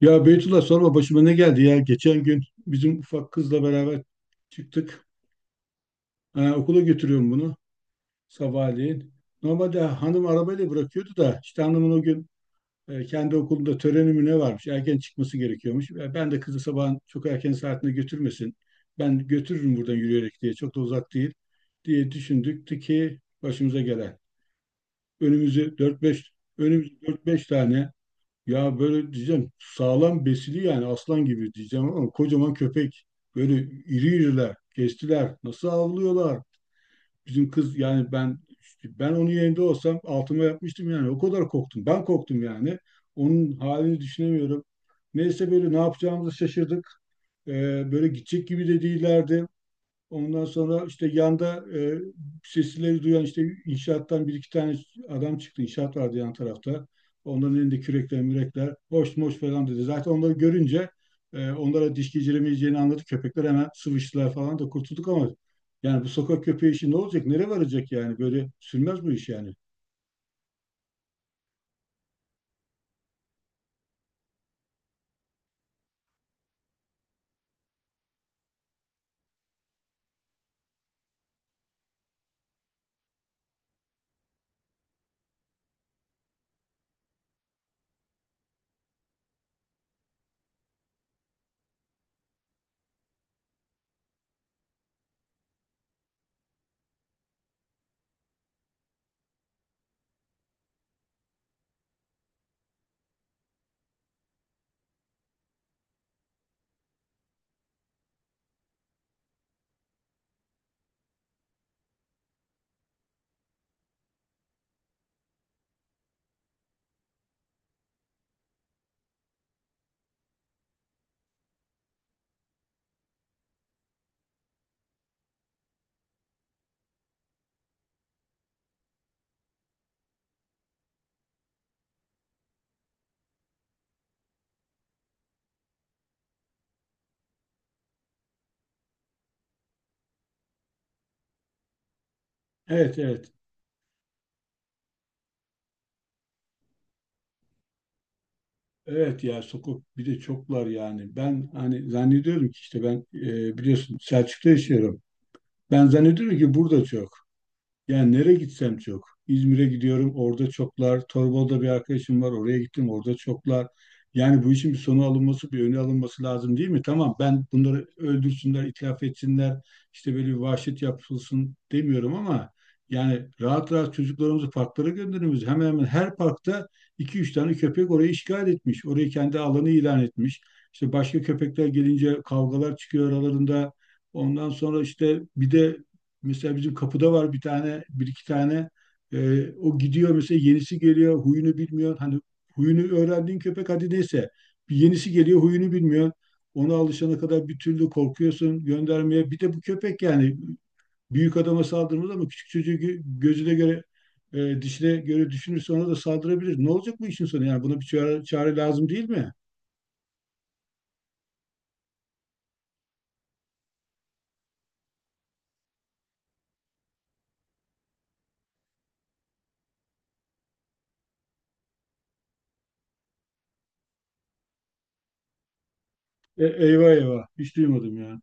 Ya Beytullah, sorma başıma ne geldi ya. Geçen gün bizim ufak kızla beraber çıktık. Ha, okula götürüyorum bunu sabahleyin. Normalde hanım arabayla bırakıyordu da işte hanımın o gün kendi okulunda töreni mi ne varmış. Erken çıkması gerekiyormuş. Ben de kızı sabahın çok erken saatinde götürmesin. Ben götürürüm buradan yürüyerek diye. Çok da uzak değil diye düşündük ki başımıza gelen. Önümüzü dört beş Önümüzü dört beş tane. Ya böyle diyeceğim sağlam besili, yani aslan gibi diyeceğim, ama kocaman köpek. Böyle iri iriler, kestiler. Nasıl avlıyorlar? Bizim kız yani ben Ben onun yerinde olsam altıma yapmıştım yani. O kadar korktum. Ben korktum yani. Onun halini düşünemiyorum. Neyse, böyle ne yapacağımızı şaşırdık. Böyle gidecek gibi de değillerdi. Ondan sonra işte yanda sesleri duyan işte inşaattan bir iki tane adam çıktı. İnşaat vardı yan tarafta. Onların elinde kürekler, mürekler, hoş moş falan dedi. Zaten onları görünce onlara diş geçiremeyeceğini anladı. Köpekler hemen sıvıştılar falan da kurtulduk ama yani bu sokak köpeği işi ne olacak? Nereye varacak yani? Böyle sürmez bu iş yani. Evet, evet. Evet ya, sokak bir de çoklar yani. Ben hani zannediyorum ki işte ben biliyorsun Selçuk'ta yaşıyorum. Ben zannediyorum ki burada çok. Yani nereye gitsem çok. İzmir'e gidiyorum, orada çoklar. Torbalı'da bir arkadaşım var, oraya gittim, orada çoklar. Yani bu işin bir sonu alınması, bir önü alınması lazım, değil mi? Tamam, ben bunları öldürsünler, itlaf etsinler, işte böyle bir vahşet yapılsın demiyorum ama yani rahat rahat çocuklarımızı parklara gönderiyoruz. Hemen hemen her parkta iki üç tane köpek orayı işgal etmiş. Orayı kendi alanı ilan etmiş. İşte başka köpekler gelince kavgalar çıkıyor aralarında. Ondan sonra işte bir de mesela bizim kapıda var bir tane, bir iki tane. O gidiyor mesela, yenisi geliyor, huyunu bilmiyor. Hani huyunu öğrendiğin köpek hadi neyse. Bir yenisi geliyor, huyunu bilmiyor. Ona alışana kadar bir türlü korkuyorsun göndermeye. Bir de bu köpek yani büyük adama saldırmaz ama küçük çocuğu gözüne göre dişine göre düşünürse ona da saldırabilir. Ne olacak bu işin sonu yani? Buna bir çare lazım, değil mi? E, eyvah eyvah. Hiç duymadım ya.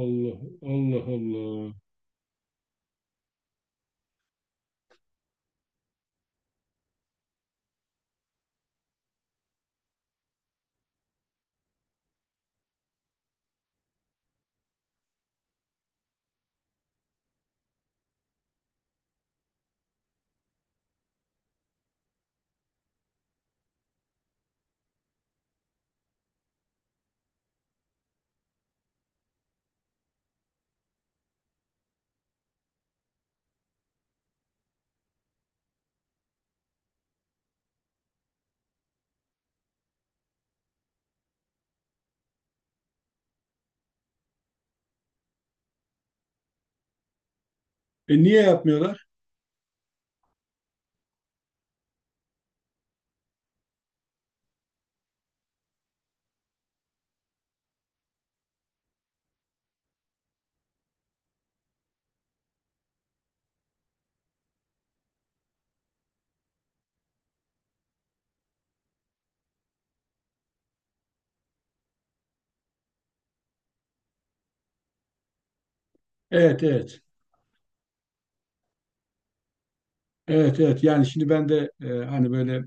Allah Allah Allah. Allah. E niye yapmıyorlar? Evet, evet. Evet evet, yani şimdi ben de hani böyle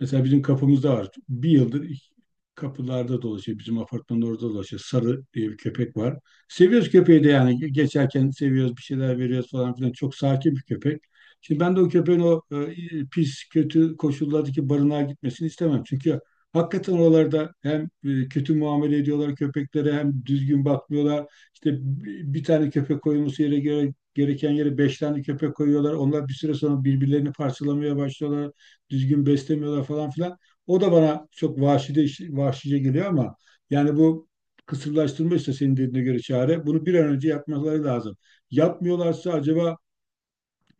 mesela bizim kapımızda var. Bir yıldır kapılarda dolaşıyor. Bizim apartmanın orada dolaşıyor. Sarı diye bir köpek var. Seviyoruz köpeği de yani. Geçerken seviyoruz, bir şeyler veriyoruz falan filan. Çok sakin bir köpek. Şimdi ben de o köpeğin pis, kötü koşullardaki barınağa gitmesini istemem. Çünkü hakikaten oralarda hem kötü muamele ediyorlar köpeklere, hem düzgün bakmıyorlar. İşte bir tane köpek koyulması yere göre, gereken yere beş tane köpek koyuyorlar. Onlar bir süre sonra birbirlerini parçalamaya başlıyorlar, düzgün beslemiyorlar falan filan. O da bana çok vahşice geliyor ama yani bu kısırlaştırma, işte senin dediğine göre çare. Bunu bir an önce yapmaları lazım. Yapmıyorlarsa acaba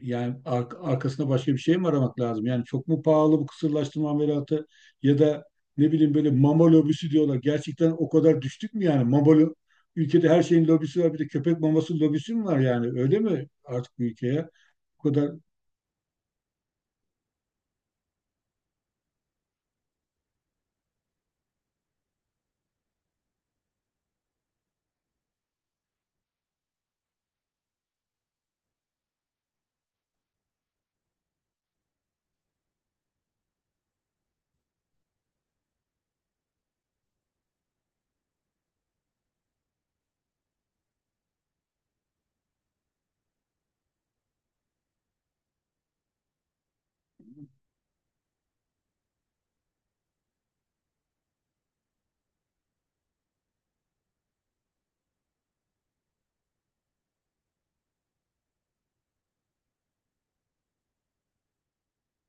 yani arkasında başka bir şey mi aramak lazım? Yani çok mu pahalı bu kısırlaştırma ameliyatı, ya da ne bileyim, böyle mama lobisi diyorlar. Gerçekten o kadar düştük mü yani? Ülkede her şeyin lobisi var. Bir de köpek maması lobisi mi var yani? Öyle mi artık bu ülkeye? Bu kadar.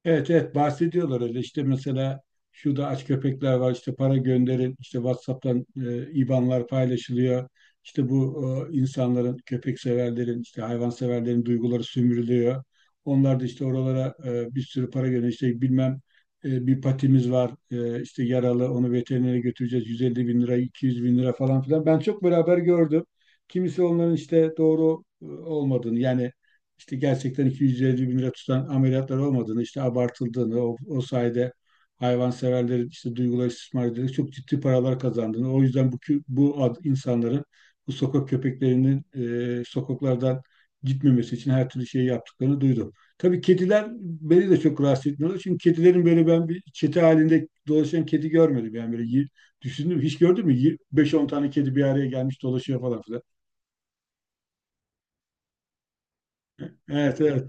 Evet evet, bahsediyorlar öyle, işte mesela şurada aç köpekler var işte para gönderin, işte WhatsApp'tan IBAN'lar paylaşılıyor. İşte bu insanların, köpek severlerin, işte hayvan severlerin duyguları sömürülüyor. Onlar da işte oralara bir sürü para gönderiyor, işte bilmem bir patimiz var işte yaralı, onu veterinere götüreceğiz, 150 bin lira, 200 bin lira falan filan. Ben çok beraber gördüm. Kimisi onların işte doğru olmadığını, yani işte gerçekten 250 bin lira tutan ameliyatlar olmadığını, işte abartıldığını, o sayede hayvanseverlerin işte duyguları istismar edilerek çok ciddi paralar kazandığını, o yüzden bu, bu insanların, bu sokak köpeklerinin sokaklardan gitmemesi için her türlü şeyi yaptıklarını duydum. Tabii kediler beni de çok rahatsız etmiyorlar. Çünkü kedilerin böyle, ben bir çete halinde dolaşan kedi görmedim. Yani böyle düşündüm. Hiç gördün mü? 5-10 tane kedi bir araya gelmiş dolaşıyor falan filan. Evet, evet.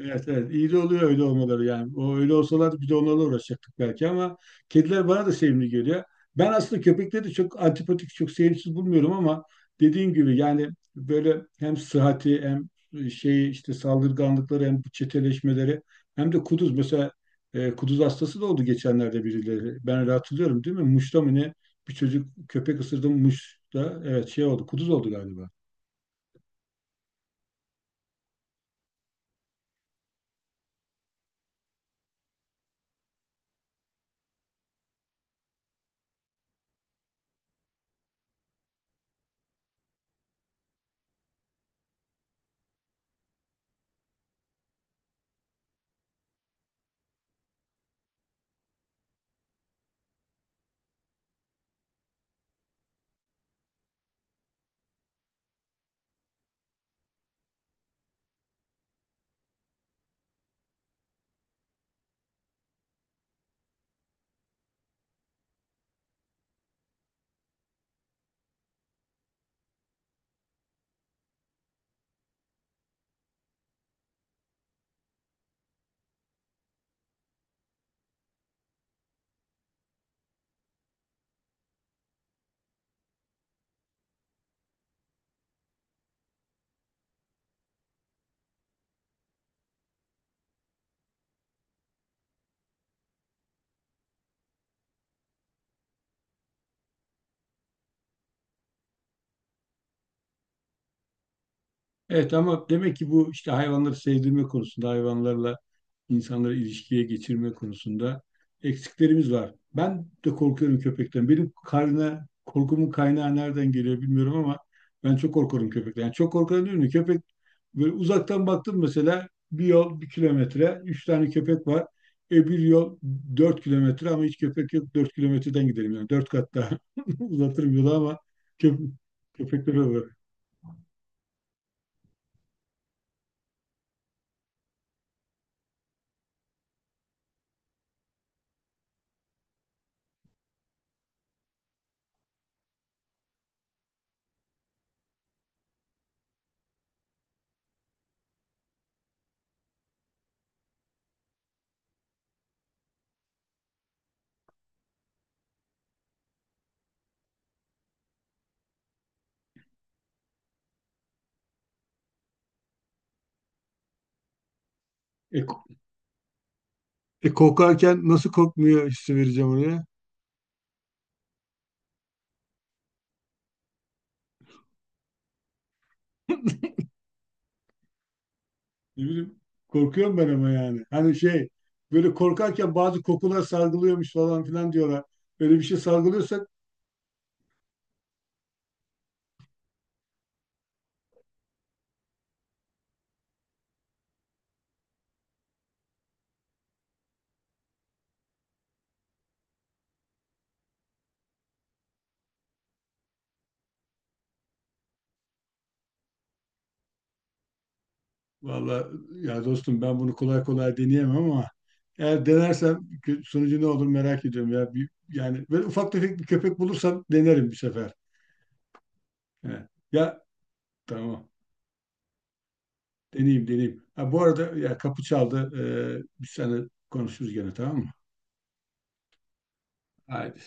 Evet evet, iyi de oluyor öyle olmaları yani. O öyle olsalardı biz de onlarla uğraşacaktık belki ama kediler bana da sevimli geliyor. Ben aslında köpekleri de çok antipatik, çok sevimsiz bulmuyorum ama dediğim gibi yani böyle hem sıhhati, hem şey işte saldırganlıkları, hem bu çeteleşmeleri, hem de kuduz mesela, kuduz hastası da oldu geçenlerde birileri. Ben öyle hatırlıyorum, değil mi? Muş'ta mı ne? Bir çocuk köpek ısırdı mı Muş'ta, evet şey oldu, kuduz oldu galiba. Evet, ama demek ki bu işte hayvanları sevdirme konusunda, hayvanlarla insanları ilişkiye geçirme konusunda eksiklerimiz var. Ben de korkuyorum köpekten. Benim karnına korkumun kaynağı nereden geliyor bilmiyorum ama ben çok korkuyorum köpekten. Yani çok korkuyorum, değil mi? Köpek böyle uzaktan baktım mesela, bir yol 1 kilometre, üç tane köpek var. E bir yol 4 kilometre ama hiç köpek yok. 4 kilometreden gidelim yani. Dört kat daha uzatırım yolu ama köp köpekler olur. E, Korkarken nasıl korkmuyor hissi vereceğim oraya? Ne bileyim, korkuyorum ben ama yani. Hani şey, böyle korkarken bazı kokular sargılıyormuş falan filan diyorlar. Böyle bir şey sargılıyorsak, vallahi ya dostum, ben bunu kolay kolay deneyemem ama eğer denersem sonucu ne olur merak ediyorum ya. Bir, yani böyle ufak tefek bir köpek bulursam denerim bir sefer. He. Ya tamam, deneyeyim deneyeyim. Ha, bu arada ya kapı çaldı. Biz seninle konuşuruz gene, tamam mı? Haydi.